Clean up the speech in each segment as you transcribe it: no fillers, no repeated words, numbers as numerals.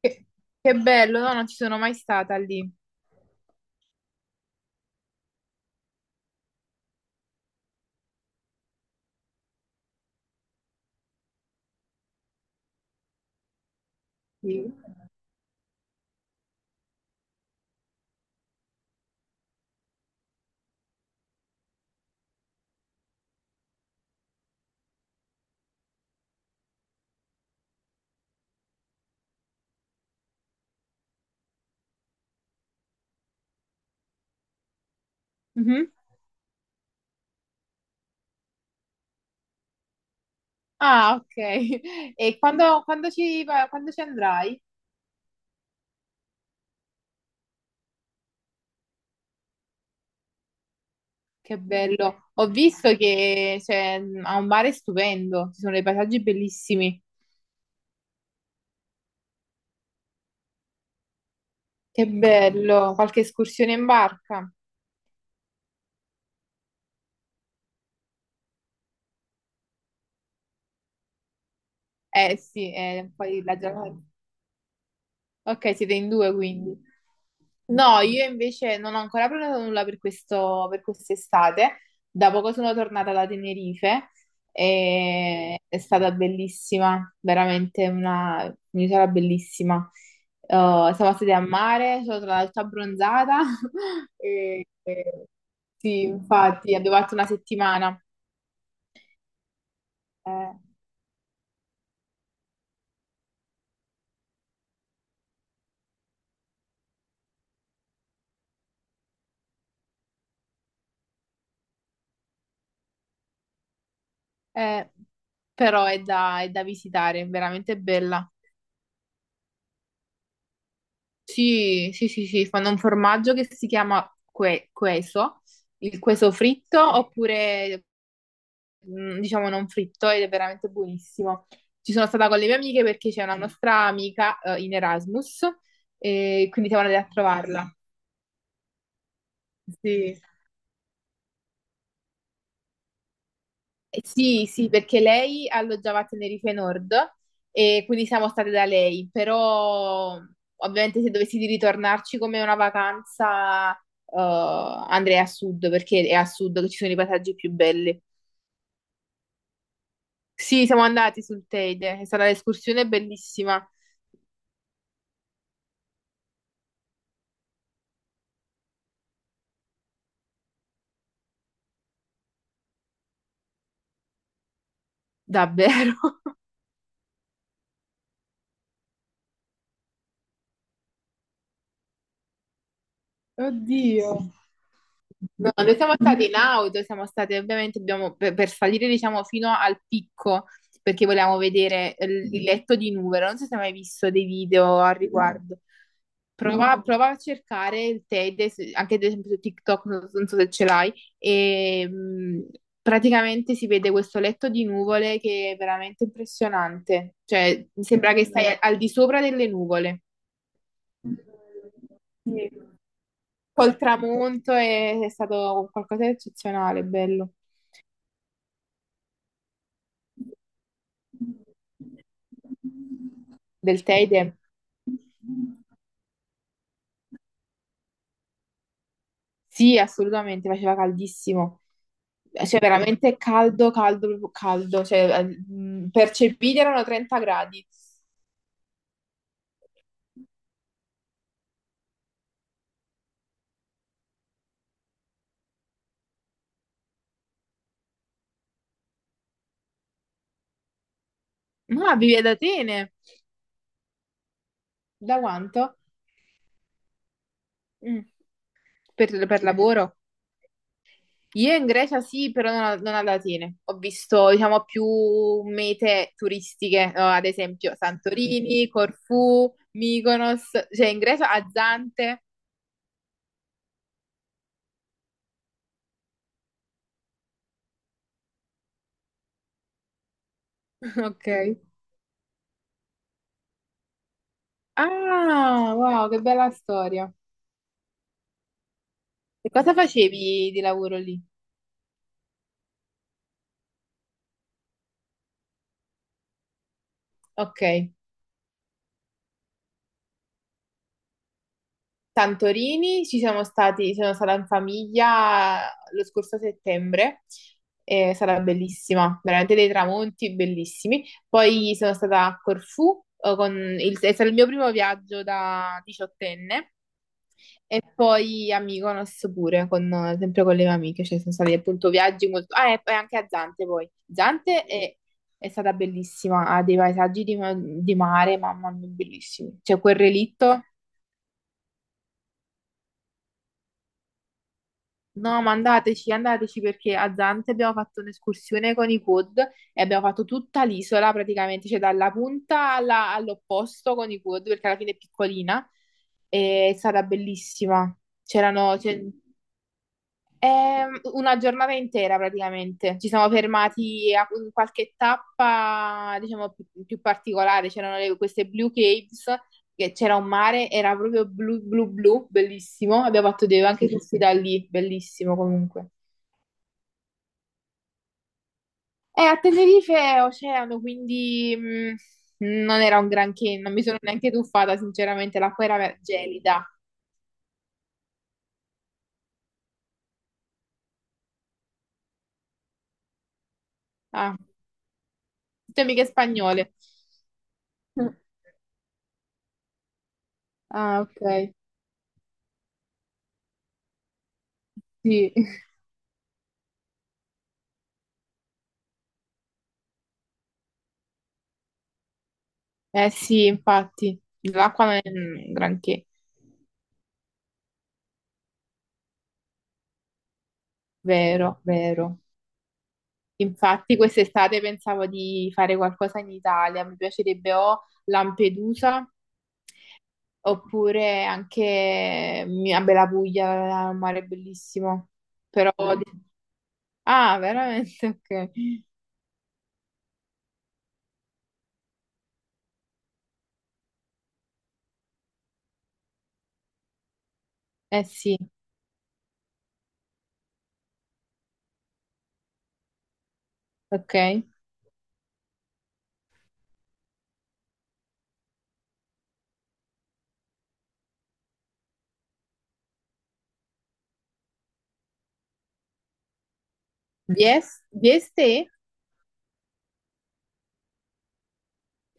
Che, che bello, no, non ci sono mai stata lì. Sì. Mhm. Ah, ok. E quando ci andrai? Che bello. Ho visto che c'è, ha un mare stupendo, ci sono dei paesaggi bellissimi. Che bello. Qualche escursione in barca? Eh sì, poi la giornata. Ok, siete in due quindi. No, io invece non ho ancora prenotato nulla per quest'estate. Da poco sono tornata da Tenerife e è stata bellissima, veramente una un'isola bellissima. Eh, Siamo stati a mare, sono stata tutta abbronzata. e, e- sì, infatti abbiamo fatto una settimana. Eh, eh, Però è da visitare, è veramente bella. Sì, sì, sì, sì, fanno un formaggio che si chiama queso, il queso fritto oppure diciamo non fritto ed è veramente buonissimo. Ci sono stata con le mie amiche perché c'è una nostra amica in Erasmus e quindi siamo andate a trovarla. Sì. Sì, sì, perché lei alloggiava a Tenerife Nord e quindi siamo state da lei, però ovviamente se dovessi di ritornarci come una vacanza andrei a sud perché è a sud che ci sono i paesaggi più belli. Sì, siamo andati sul Teide, è stata un'escursione bellissima, davvero. Oddio. No, noi siamo stati in auto, siamo stati ovviamente per salire diciamo fino al picco perché volevamo vedere il letto di Nuvero. Non so se hai mai visto dei video al riguardo. No. Prova a cercare il Teide, anche ad esempio su TikTok, non so se ce l'hai, e praticamente si vede questo letto di nuvole che è veramente impressionante. Cioè, sembra che stai al di sopra delle nuvole. Sì. Col tramonto è stato qualcosa di eccezionale, bello. Del Teide? Sì, assolutamente, faceva caldissimo. Cioè, veramente caldo, caldo, proprio caldo. Cioè, percepiti erano 30 gradi. Ma vivi ad Atene? Da quanto? Mm. Per lavoro? Io in Grecia sì, però non ad Atene. Ho visto, diciamo, più mete turistiche, no, ad esempio Santorini, Corfù, Mykonos, cioè in Grecia a Zante. Ok. Ah, wow, che bella storia. E cosa facevi di lavoro lì? Ok. Santorini, ci siamo stati, sono stata in famiglia lo scorso settembre, è stata bellissima, veramente dei tramonti bellissimi. Poi sono stata a Corfù, è stato il mio primo viaggio da diciottenne, e poi a Mykonos pure, sempre con le mie amiche, cioè sono stati appunto viaggi molto... Ah, e poi anche a Zante poi. Zante è stata bellissima, ha dei paesaggi di mare, mamma mia, bellissimi. C'è quel relitto... No, ma andateci, andateci perché a Zante abbiamo fatto un'escursione con i quad e abbiamo fatto tutta l'isola praticamente, cioè dalla punta all'opposto con i quad perché alla fine è piccolina. E è stata bellissima. C'erano, è una giornata intera praticamente. Ci siamo fermati a in qualche tappa, diciamo, più particolare. C'erano queste Blue Caves, che c'era un mare, era proprio blu blu blu, bellissimo. Abbiamo fatto dei, anche questi da lì, bellissimo comunque. E a Tenerife è oceano, quindi non era un granché, non mi sono neanche tuffata, sinceramente, l'acqua era gelida. Ah, temi che spagnole. Ah, ok, sì. Eh sì, infatti, l'acqua non è un granché, vero, vero. Infatti quest'estate pensavo di fare qualcosa in Italia, mi piacerebbe o Lampedusa oppure anche mia Bella Puglia, il mare è bellissimo. Però... Ah, veramente? Ok. Eh sì, ok. Vieste?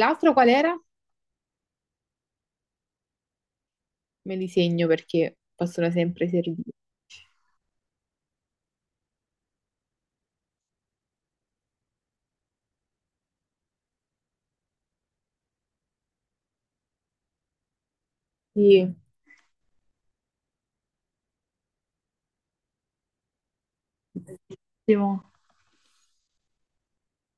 L'altro qual era? Me li segno perché possono sempre servire. Sì. Ottimo.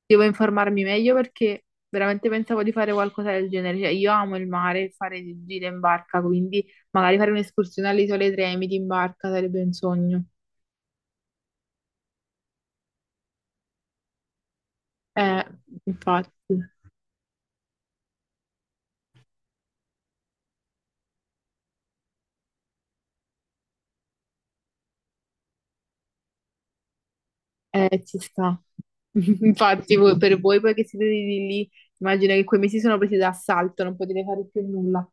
Devo informarmi meglio perché veramente pensavo di fare qualcosa del genere. Cioè, io amo il mare, e fare gite in barca, quindi magari fare un'escursione alle Isole Tremiti in barca sarebbe un sogno. Eh, infatti, ci sta. Infatti, per voi poi che siete lì, lì, immagino che quei mesi sono presi d'assalto, non potete fare più nulla.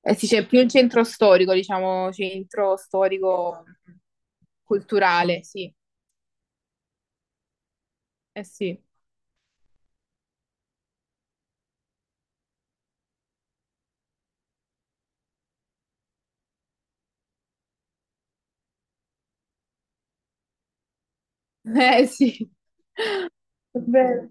Eh sì, c'è più un centro storico, diciamo, centro storico culturale, sì. Eh sì. Eh sì. È vero.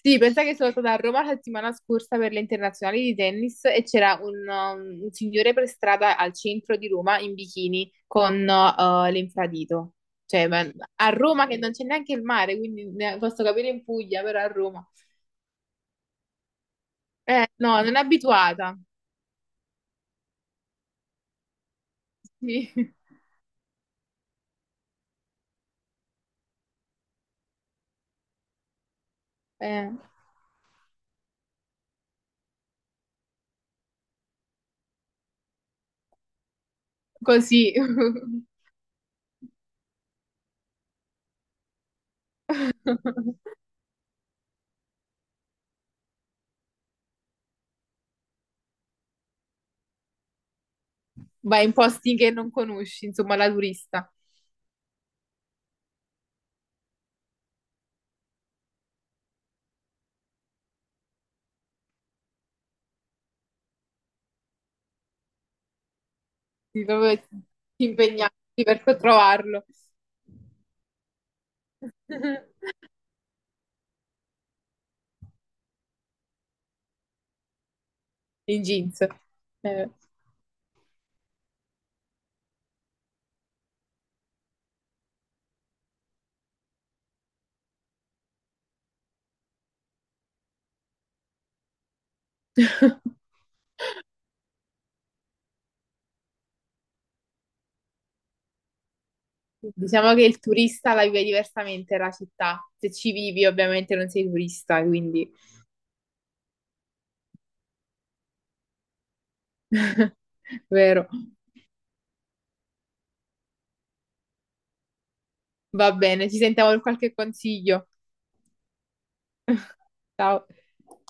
Sì, pensa che sono stata a Roma la settimana scorsa per le internazionali di tennis e c'era un signore per strada al centro di Roma in bikini con l'infradito. Cioè, a Roma che non c'è neanche il mare, quindi posso capire in Puglia, però a Roma. No, non è abituata. Sì. Eh, Così vai in posti che non conosci, insomma, la turista. Devi proprio ti impegnarti per trovarlo in jeans. Eh. Diciamo che il turista la vive diversamente la città. Se ci vivi, ovviamente non sei turista, quindi vero. Va bene, ci sentiamo per qualche consiglio. Ciao.